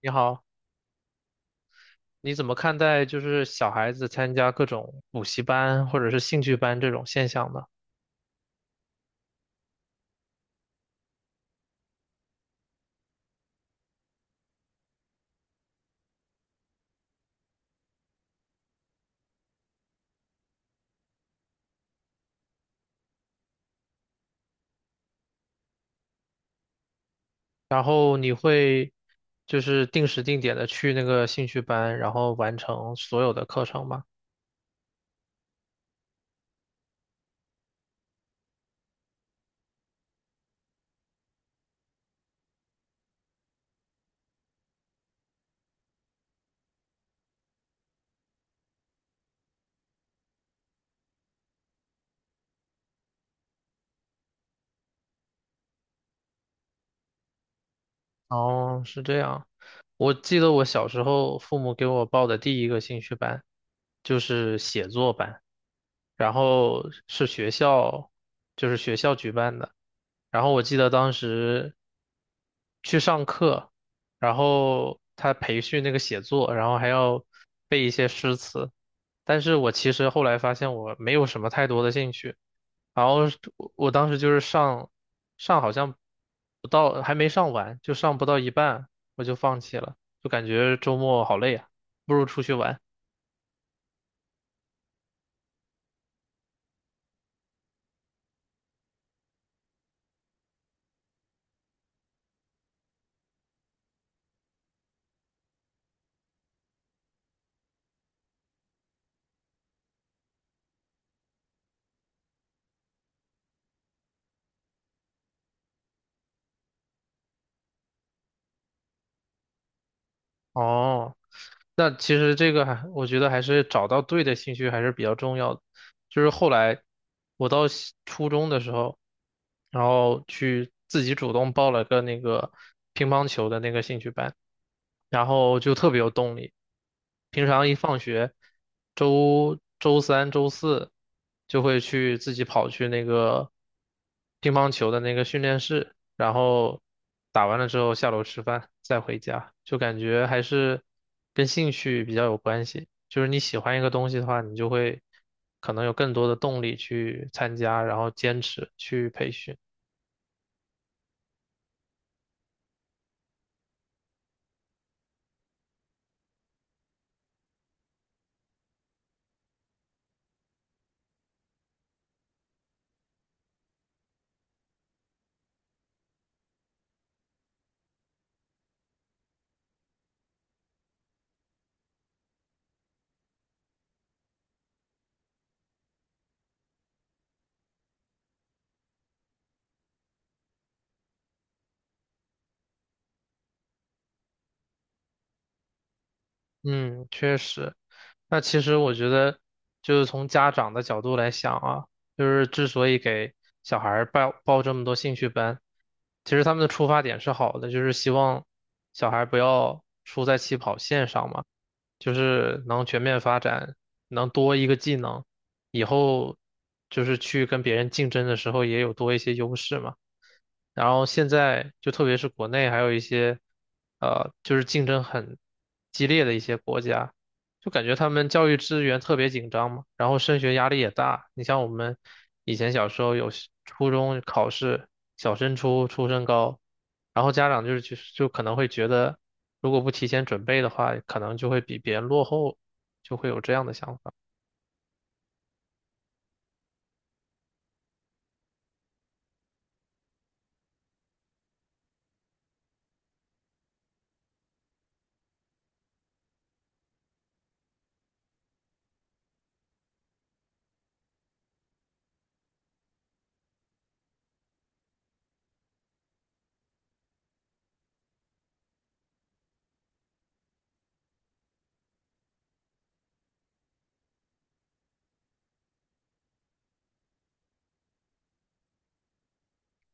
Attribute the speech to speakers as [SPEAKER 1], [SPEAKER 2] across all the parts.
[SPEAKER 1] 你好，你怎么看待小孩子参加各种补习班或者是兴趣班这种现象呢？然后你会定时定点的去那个兴趣班，然后完成所有的课程吗？哦，是这样。我记得我小时候父母给我报的第一个兴趣班就是写作班，然后是学校，学校举办的。然后我记得当时去上课，然后他培训那个写作，然后还要背一些诗词。但是我其实后来发现我没有什么太多的兴趣，然后是我当时上好像不到还没上完，就上不到一半我就放弃了，就感觉周末好累啊，不如出去玩。哦，那其实这个还，我觉得还是找到对的兴趣还是比较重要的。就是后来我到西初中的时候，然后去自己主动报了个那个乒乓球的那个兴趣班，然后就特别有动力。平常一放学，周三、周四就会去自己跑去那个乒乓球的那个训练室，然后打完了之后下楼吃饭，再回家，就感觉还是跟兴趣比较有关系。就是你喜欢一个东西的话，你就会可能有更多的动力去参加，然后坚持去培训。嗯，确实。那其实我觉得，从家长的角度来想啊，之所以给小孩儿报这么多兴趣班，其实他们的出发点是好的，就是希望小孩不要输在起跑线上嘛，就是能全面发展，能多一个技能，以后去跟别人竞争的时候也有多一些优势嘛。然后现在就特别是国内还有一些，就是竞争很激烈的一些国家，就感觉他们教育资源特别紧张嘛，然后升学压力也大。你像我们以前小时候有时初中考试，小升初、初升高，然后家长就是就就可能会觉得，如果不提前准备的话，可能就会比别人落后，就会有这样的想法。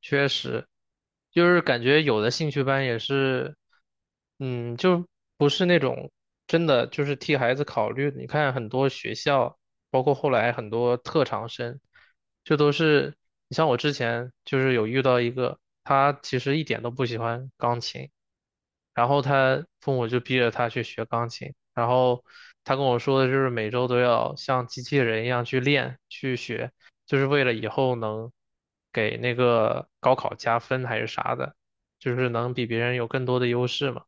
[SPEAKER 1] 确实，就是感觉有的兴趣班也是，嗯，就不是那种真的就是替孩子考虑的，你看很多学校，包括后来很多特长生，就都是，你像我之前有遇到一个，他其实一点都不喜欢钢琴。然后他父母就逼着他去学钢琴，然后他跟我说的就是每周都要像机器人一样去练去学，就是为了以后能给那个高考加分还是啥的，就是能比别人有更多的优势嘛。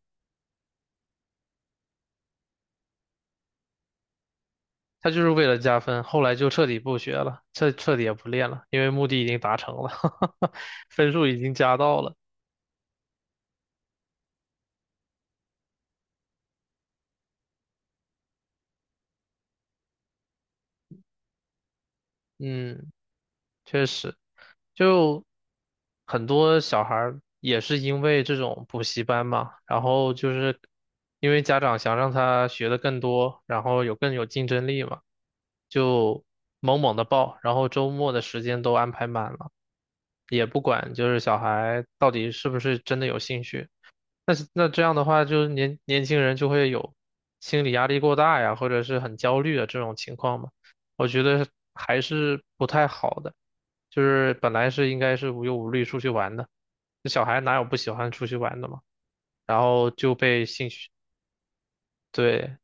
[SPEAKER 1] 他就是为了加分，后来就彻底不学了，彻底也不练了，因为目的已经达成了，分数已经加到了。嗯，确实。就很多小孩儿也是因为这种补习班嘛，然后就是因为家长想让他学的更多，然后有更有竞争力嘛，就猛猛的报，然后周末的时间都安排满了，也不管小孩到底是不是真的有兴趣。那这样的话，年轻人就会有心理压力过大呀，或者是很焦虑的这种情况嘛，我觉得还是不太好的。就是本来是应该是无忧无虑出去玩的，这小孩哪有不喜欢出去玩的嘛？然后就被兴趣，对，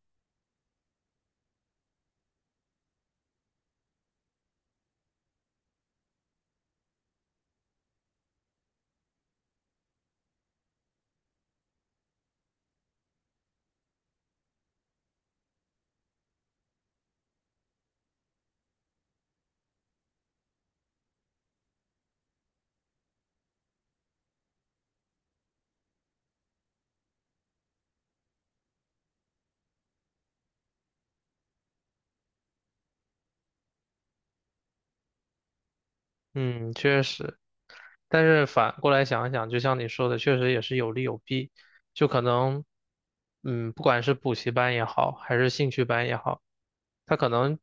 [SPEAKER 1] 嗯，确实。但是反过来想一想，就像你说的，确实也是有利有弊。就可能，嗯，不管是补习班也好，还是兴趣班也好，它可能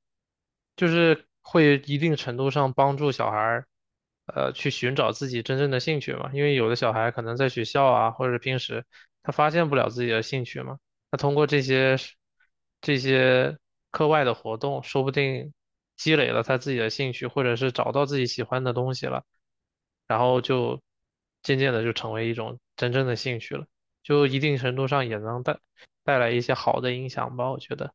[SPEAKER 1] 会一定程度上帮助小孩儿，去寻找自己真正的兴趣嘛。因为有的小孩可能在学校啊，或者是平时他发现不了自己的兴趣嘛，那通过这些课外的活动，说不定积累了他自己的兴趣，或者是找到自己喜欢的东西了。然后就渐渐的就成为一种真正的兴趣了，就一定程度上也能带来一些好的影响吧，我觉得。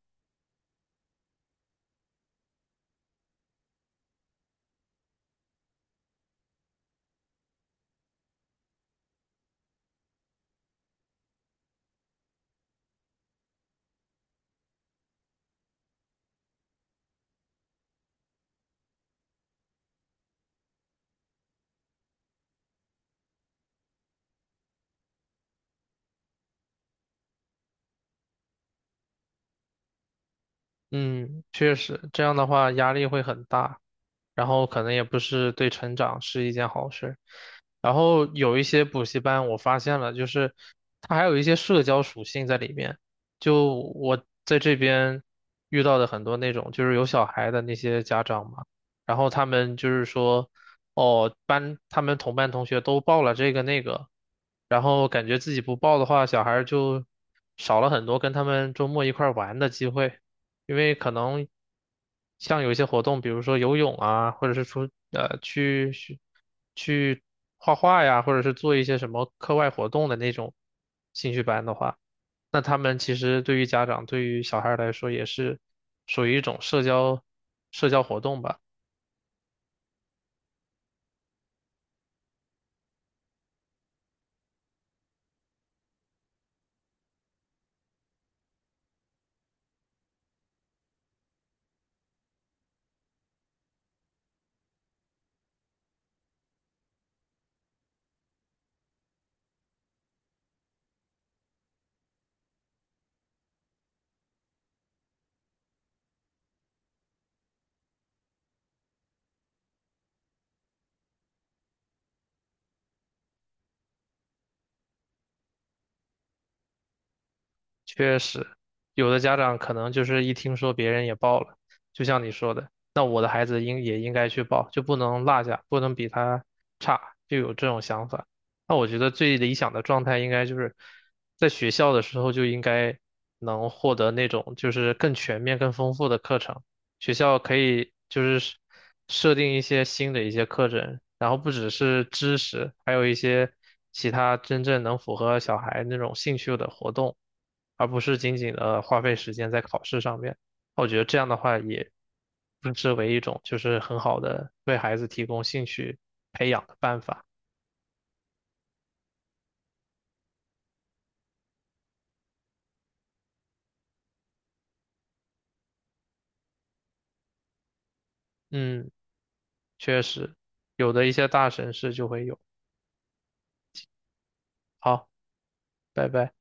[SPEAKER 1] 嗯，确实，这样的话压力会很大。然后可能也不是对成长是一件好事。然后有一些补习班，我发现了，就是它还有一些社交属性在里面。就我在这边遇到的很多那种，就是有小孩的那些家长嘛，然后他们就是说，哦，他们同班同学都报了这个那个，然后感觉自己不报的话，小孩儿就少了很多跟他们周末一块儿玩的机会。因为可能像有一些活动，比如说游泳啊，或者是呃去去去画画呀，或者是做一些什么课外活动的那种兴趣班的话，那他们其实对于家长对于小孩儿来说也是属于一种社交活动吧。确实，有的家长可能就是一听说别人也报了，就像你说的，那我的孩子也应该去报，就不能落下，不能比他差，就有这种想法。那我觉得最理想的状态应该就是在学校的时候就应该能获得那种就是更全面、更丰富的课程。学校可以设定一些新的一些课程，然后不只是知识，还有一些其他真正能符合小孩那种兴趣的活动。而不是仅仅的花费时间在考试上面。我觉得这样的话也不失为一种就是很好的为孩子提供兴趣培养的办法。嗯，确实，有的一些大城市就会有。好，拜拜。